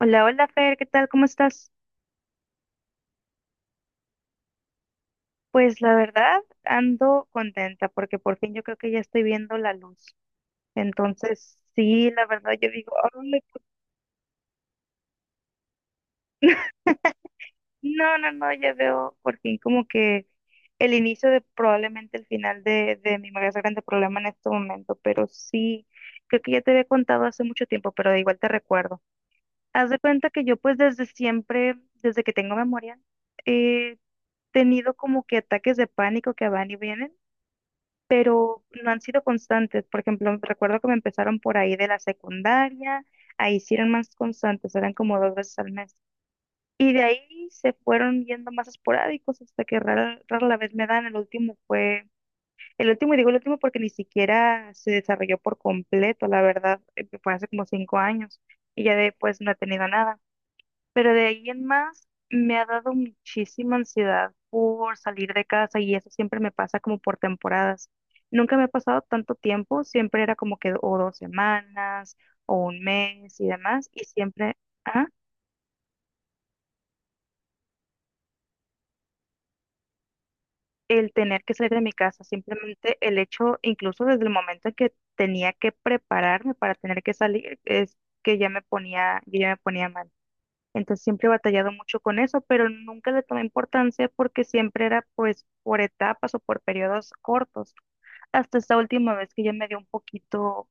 Hola, hola Fer, ¿qué tal? ¿Cómo estás? Pues la verdad, ando contenta porque por fin yo creo que ya estoy viendo la luz. Entonces, sí, la verdad yo digo, "Ay, por- no, no, no, ya veo por fin como que el inicio de probablemente el final de mi más grande problema en este momento. Pero sí, creo que ya te había contado hace mucho tiempo, pero de igual te recuerdo. Haz de cuenta que yo, pues, desde siempre, desde que tengo memoria, he tenido como que ataques de pánico que van y vienen, pero no han sido constantes. Por ejemplo, recuerdo que me empezaron por ahí de la secundaria, ahí sí eran más constantes, eran como 2 veces al mes. Y de ahí se fueron yendo más esporádicos hasta que rara, rara la vez me dan. El último, y digo el último porque ni siquiera se desarrolló por completo, la verdad, fue hace como 5 años y ya después no he tenido nada. Pero de ahí en más me ha dado muchísima ansiedad por salir de casa y eso siempre me pasa como por temporadas. Nunca me ha pasado tanto tiempo, siempre era como que o 2 semanas o un mes y demás, y siempre ah, el tener que salir de mi casa, simplemente el hecho, incluso desde el momento en que tenía que prepararme para tener que salir, es que ya me ponía, yo ya me ponía mal. Entonces siempre he batallado mucho con eso, pero nunca le tomé importancia porque siempre era, pues, por etapas o por periodos cortos. Hasta esta última vez que ya me dio un poquito,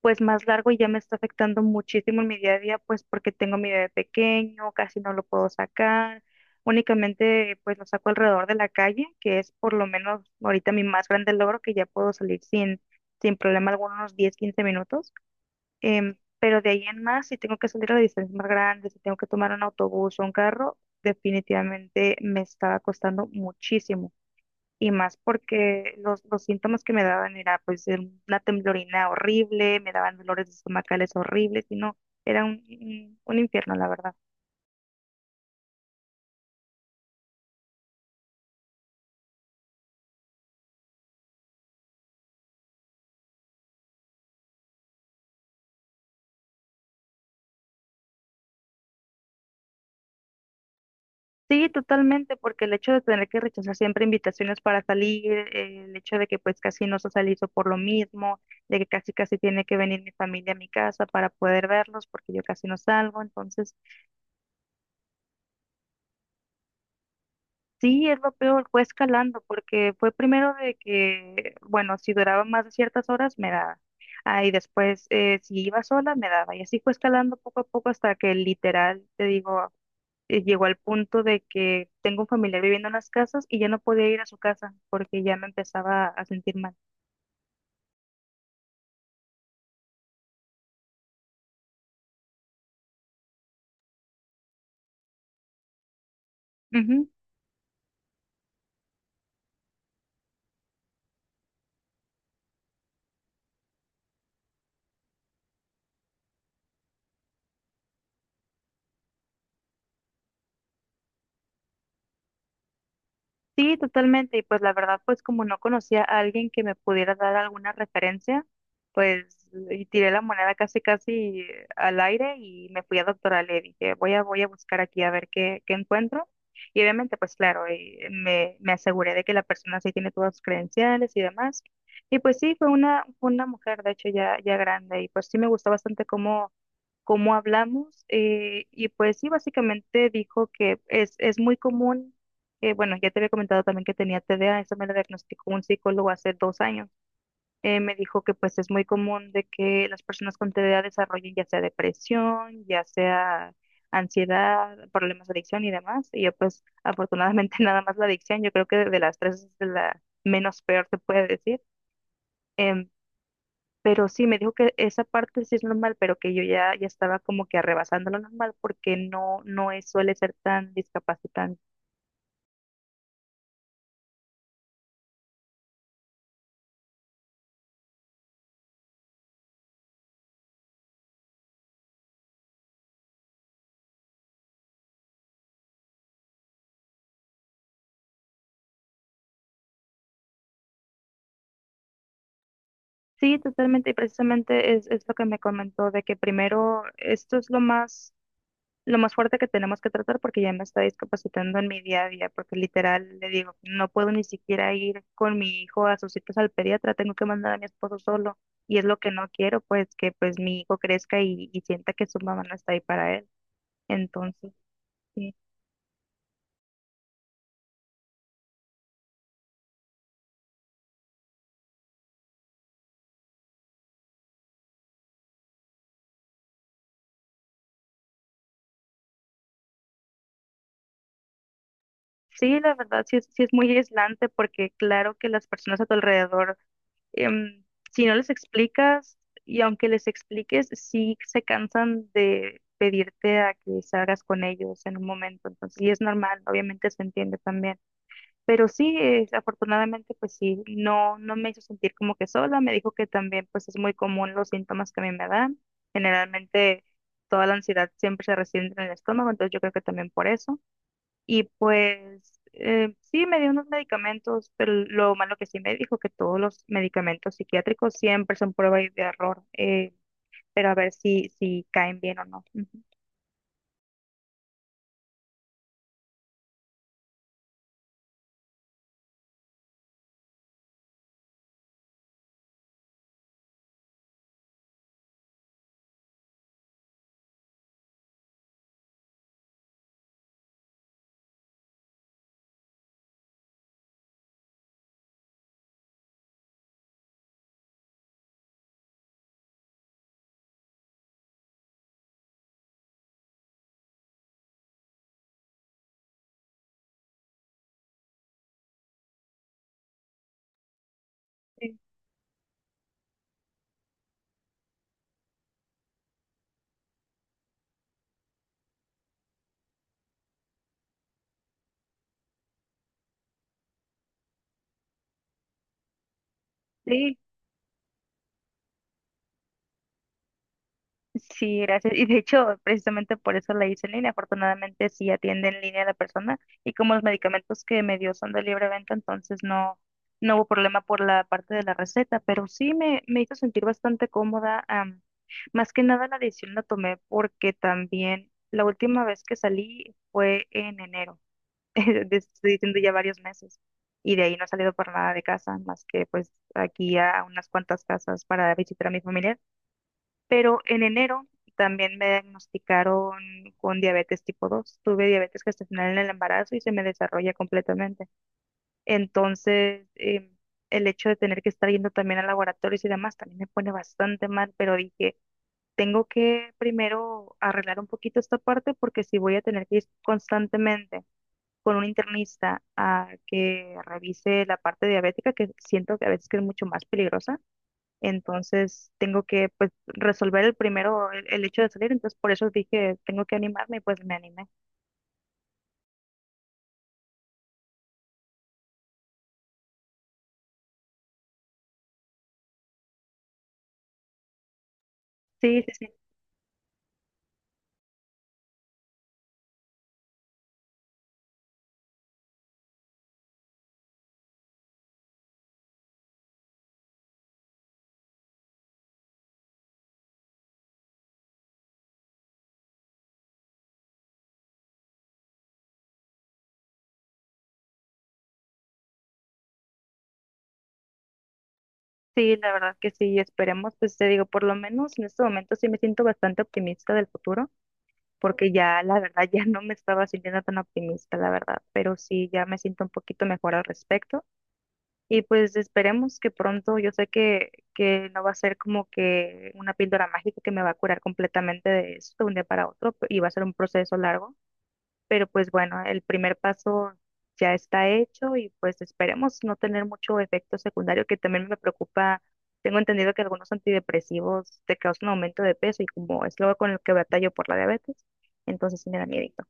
pues, más largo, y ya me está afectando muchísimo en mi día a día, pues porque tengo mi bebé pequeño, casi no lo puedo sacar. Únicamente pues lo saco alrededor de la calle, que es por lo menos ahorita mi más grande logro, que ya puedo salir sin problema algunos 10-15 minutos. Pero de ahí en más, si tengo que salir a distancias más grandes, si tengo que tomar un autobús o un carro, definitivamente me estaba costando muchísimo. Y más porque los síntomas que me daban era pues una temblorina horrible, me daban dolores estomacales horribles y no, era un infierno, la verdad. Sí, totalmente, porque el hecho de tener que rechazar siempre invitaciones para salir, el hecho de que pues casi no se socializo por lo mismo, de que casi casi tiene que venir mi familia a mi casa para poder verlos, porque yo casi no salgo. Entonces sí, es lo peor, fue escalando, porque fue primero de que, bueno, si duraba más de ciertas horas, me daba, ah, y después si iba sola, me daba, y así fue escalando poco a poco hasta que literal, te digo, llegó al punto de que tengo un familiar viviendo en las casas y ya no podía ir a su casa porque ya me empezaba a sentir mal. Sí, totalmente. Y pues la verdad, pues como no conocía a alguien que me pudiera dar alguna referencia, pues, y tiré la moneda casi casi al aire y me fui a doctoral. Le dije, voy a buscar aquí a ver qué encuentro. Y obviamente, pues claro, y me aseguré de que la persona sí tiene todas sus credenciales y demás. Y pues sí, fue una mujer, de hecho, ya, ya grande. Y pues sí, me gustó bastante cómo hablamos, y pues sí, básicamente dijo que es muy común. Bueno, ya te había comentado también que tenía TDA. Eso me lo diagnosticó un psicólogo hace 2 años. Me dijo que pues es muy común de que las personas con TDA desarrollen ya sea depresión, ya sea ansiedad, problemas de adicción y demás. Y yo pues afortunadamente nada más la adicción, yo creo que de las tres es de la menos peor, se puede decir. Em, pero sí, me dijo que esa parte sí es normal, pero que yo ya, ya estaba como que arrebasando lo normal porque no, no es, suele ser tan discapacitante. Sí, totalmente, y precisamente es lo que me comentó, de que primero esto es lo más fuerte que tenemos que tratar porque ya me está discapacitando en mi día a día, porque literal le digo, no puedo ni siquiera ir con mi hijo a sus citas al pediatra, tengo que mandar a mi esposo solo, y es lo que no quiero, pues que pues mi hijo crezca y sienta que su mamá no está ahí para él. Entonces, sí, sí, la verdad sí es muy aislante, porque claro que las personas a tu alrededor em, si no les explicas, y aunque les expliques, sí se cansan de pedirte a que salgas con ellos en un momento. Entonces, y es normal, obviamente se entiende también. Pero sí, afortunadamente, pues sí, no me hizo sentir como que sola. Me dijo que también, pues es muy común los síntomas que a mí me dan. Generalmente, toda la ansiedad siempre se resiente en el estómago, entonces yo creo que también por eso. Y pues sí, me dio unos medicamentos, pero lo malo que sí me dijo que todos los medicamentos psiquiátricos siempre son prueba y de error, pero a ver si caen bien o no. Ujú. Sí, sí, gracias. Y de hecho, precisamente por eso la hice en línea. Afortunadamente, sí atiende en línea a la persona. Y como los medicamentos que me dio son de libre venta, entonces no, no hubo problema por la parte de la receta. Pero sí me hizo sentir bastante cómoda. Más que nada, la decisión la tomé porque también la última vez que salí fue en enero. Te estoy diciendo, ya varios meses. Y de ahí no he salido por nada de casa, más que pues aquí a unas cuantas casas para visitar a mi familia, pero en enero también me diagnosticaron con diabetes tipo 2. Tuve diabetes gestacional en el embarazo y se me desarrolla completamente. Entonces, el hecho de tener que estar yendo también a laboratorios y demás también me pone bastante mal, pero dije, tengo que primero arreglar un poquito esta parte, porque si voy a tener que ir constantemente con un internista a que revise la parte diabética, que siento que a veces que es mucho más peligrosa, entonces tengo que, pues, resolver el primero el hecho de salir, entonces por eso dije, tengo que animarme y pues me animé. Sí, sí, sí, sí, la verdad que sí, esperemos, pues te digo, por lo menos en este momento sí me siento bastante optimista del futuro, porque ya la verdad ya no me estaba sintiendo tan optimista, la verdad, pero sí ya me siento un poquito mejor al respecto. Y pues esperemos que pronto, yo sé que no va a ser como que una píldora mágica que me va a curar completamente de esto de un día para otro y va a ser un proceso largo, pero pues, bueno, el primer paso ya está hecho, y pues esperemos no tener mucho efecto secundario, que también me preocupa. Tengo entendido que algunos antidepresivos te causan aumento de peso, y como es lo con el que batallo por la diabetes, entonces sí me da miedito.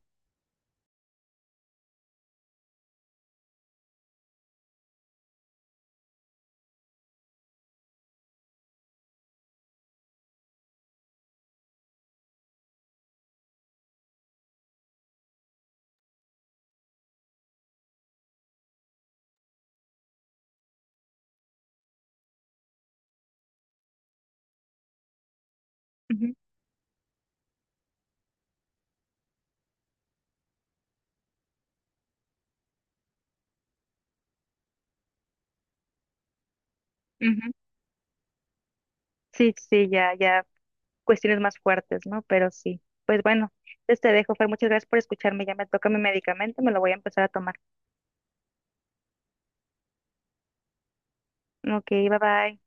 Ujú, ujú. Sí, sí, ya, ya cuestiones más fuertes, ¿no? Pero sí. Pues bueno, entonces te dejo, Fer, muchas gracias por escucharme. Ya me toca mi medicamento, me lo voy a empezar a tomar. Ok, bye bye.